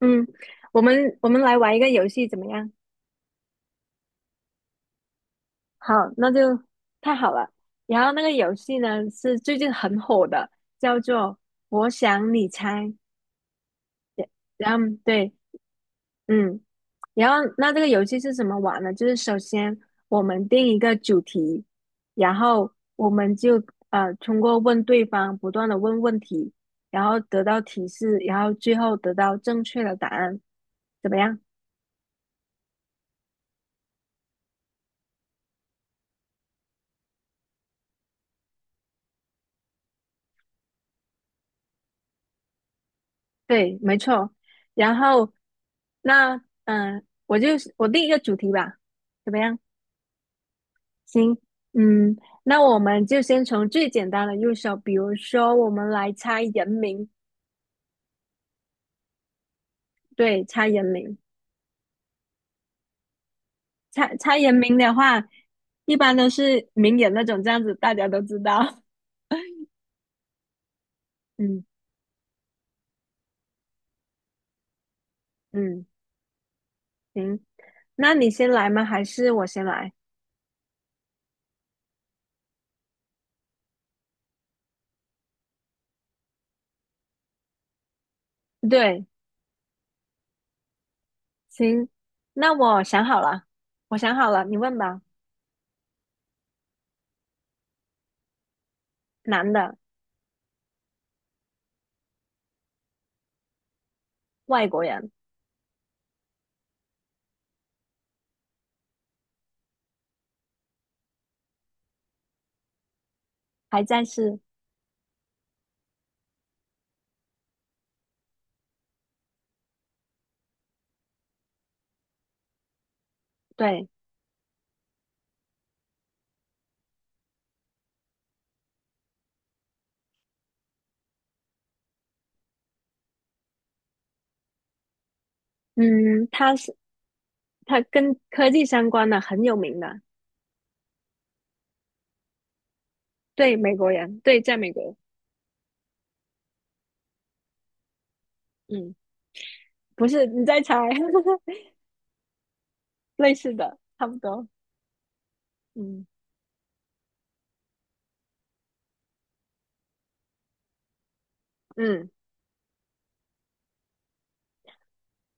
嗯，我们来玩一个游戏怎么样？好，那就太好了。然后那个游戏呢是最近很火的，叫做"我想你猜"。然后对。嗯，然后那这个游戏是怎么玩呢？就是首先我们定一个主题，然后我们就通过问对方不断的问问题，然后得到提示，然后最后得到正确的答案，怎么样？对，没错。然后那，我就是我定一个主题吧，怎么样？行。嗯，那我们就先从最简单的入手，比如说我们来猜人名。对，猜人名。猜猜人名的话，一般都是名人那种，这样子大家都知道。嗯嗯，行。那你先来吗？还是我先来？对，行，那我想好了，我想好了，你问吧。男的，外国人。还在世。对。嗯，他跟科技相关的很有名的。对，美国人，对，在美国。嗯，不是你在猜。类似的，差不多。嗯嗯，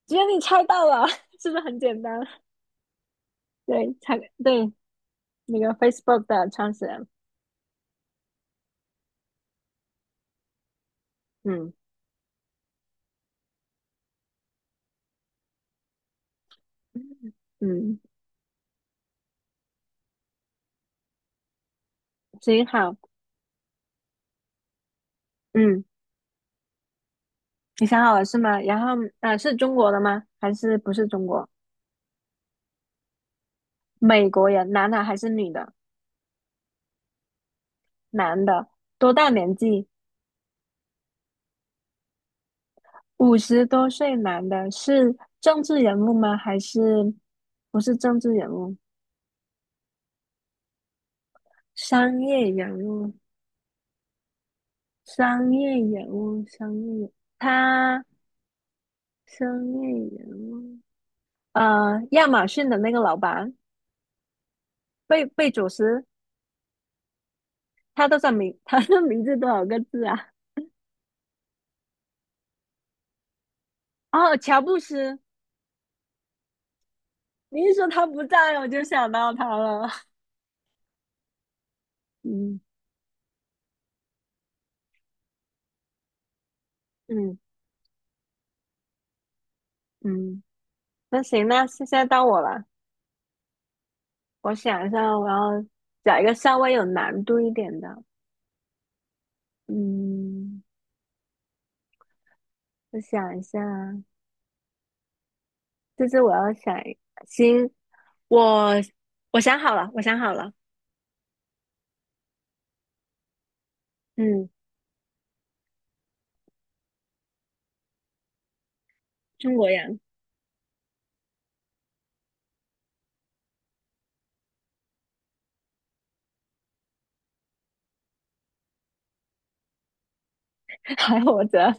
只有你猜到了。是不是很简单？对，猜对。那个 Facebook 的创始人。嗯嗯，行好。嗯，你想好了是吗？然后是中国的吗？还是不是中国？美国人，男的还是女的？男的。多大年纪？50多岁男的是政治人物吗？还是不是政治人物？商业人物，商业人物，他商业人物。亚马逊的那个老板，贝佐斯，他多少名？他的名字多少个字啊？哦，乔布斯。你一说他不在，我就想到他了。嗯嗯嗯，那行，那现在到我了。我想一下，我要。找一个稍微有难度一点的。嗯，我想一下啊。这是我要想一，行，我我想好了，我想好了。嗯，中国人。 还活着。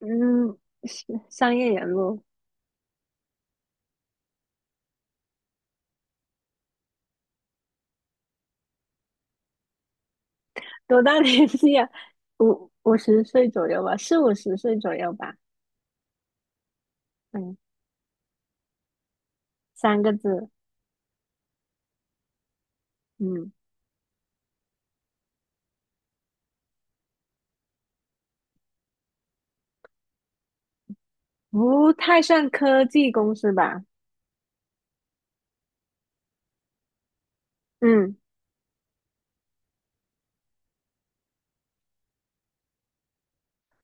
嗯，是商业人物。多大年纪啊？五十岁左右吧，四五十岁左右吧。嗯，三个字。嗯，不太算科技公司吧。嗯，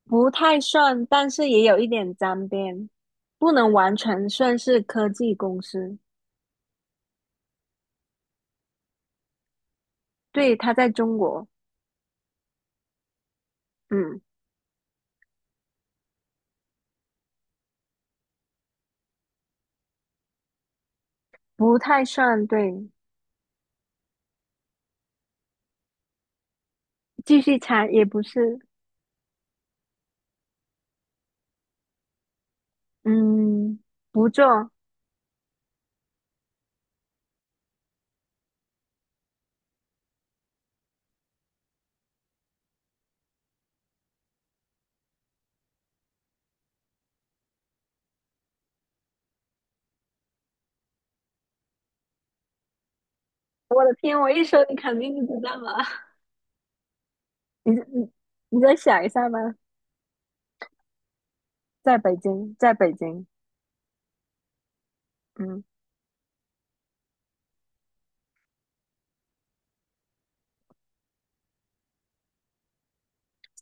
不太算，但是也有一点沾边，不能完全算是科技公司。对，他在中国。嗯，不太算对。继续猜也不是。嗯，不做。我的天，我一说你肯定就知道了。你你你再想一下吧。在北京，在北京。嗯，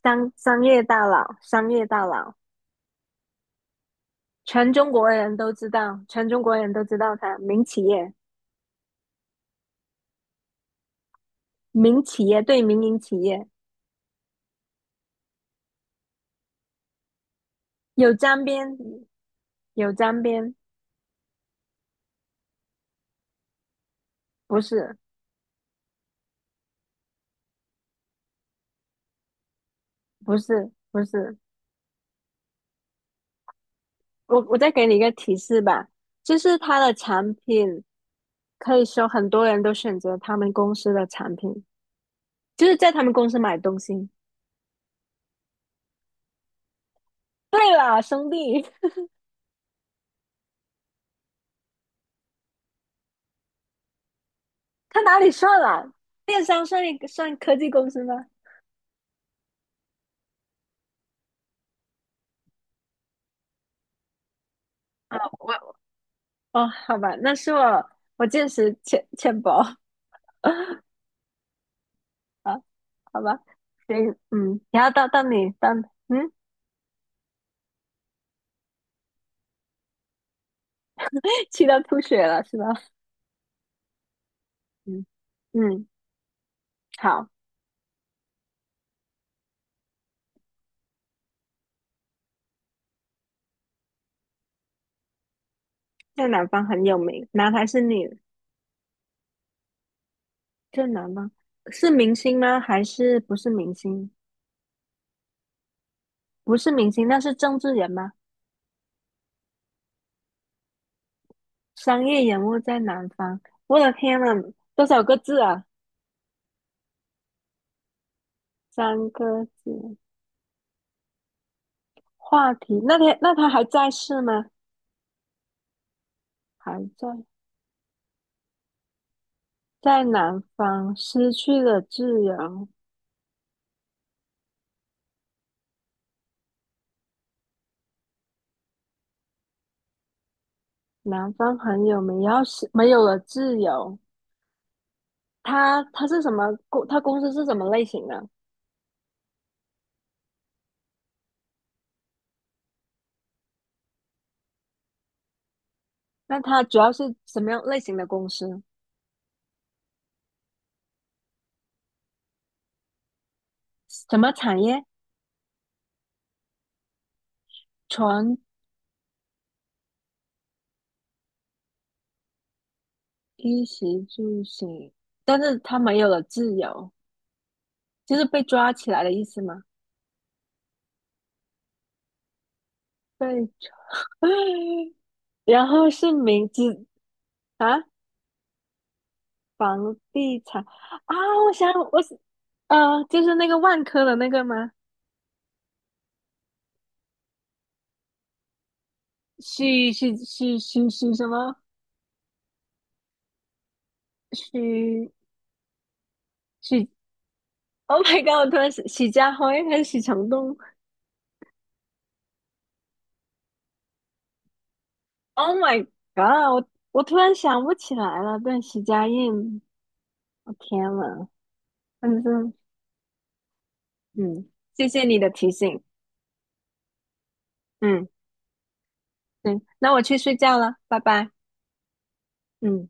商业大佬，商业大佬。全中国人都知道，全中国人都知道他。民企业。民企业对民营企业。有沾边。有沾边。不是，不是，不是。我再给你一个提示吧，就是他的产品。可以说很多人都选择他们公司的产品，就是在他们公司买东西。对了，兄弟。他哪里算了？电商算一算科技公司吗？啊，哦，好吧。那是我见识浅薄。啊，好吧。行。嗯，然后到你。嗯。气到吐血了是吧？嗯嗯，好。在南方很有名，男还是女？在南方是明星吗？还是不是明星？不是明星，那是政治人吗？商业人物在南方。我的天呐，多少个字啊？三个字。话题，那天那他还在世吗？还在。在南方失去了自由。南方很有名，要后是没有了自由。他是什么公？他公司是什么类型的？那他主要是什么样类型的公司？什么产业？全衣食住行。但是他没有了自由，就是被抓起来的意思吗？被 然后是名字啊。房地产。啊，我想就是那个万科的那个吗？许什么？许许？Oh my god！我突然许家辉还是许承东？Oh my god！我突然想不起来了。对，许家印。我天呐。反正嗯，谢谢你的提醒。嗯，对，那我去睡觉了，拜拜。嗯。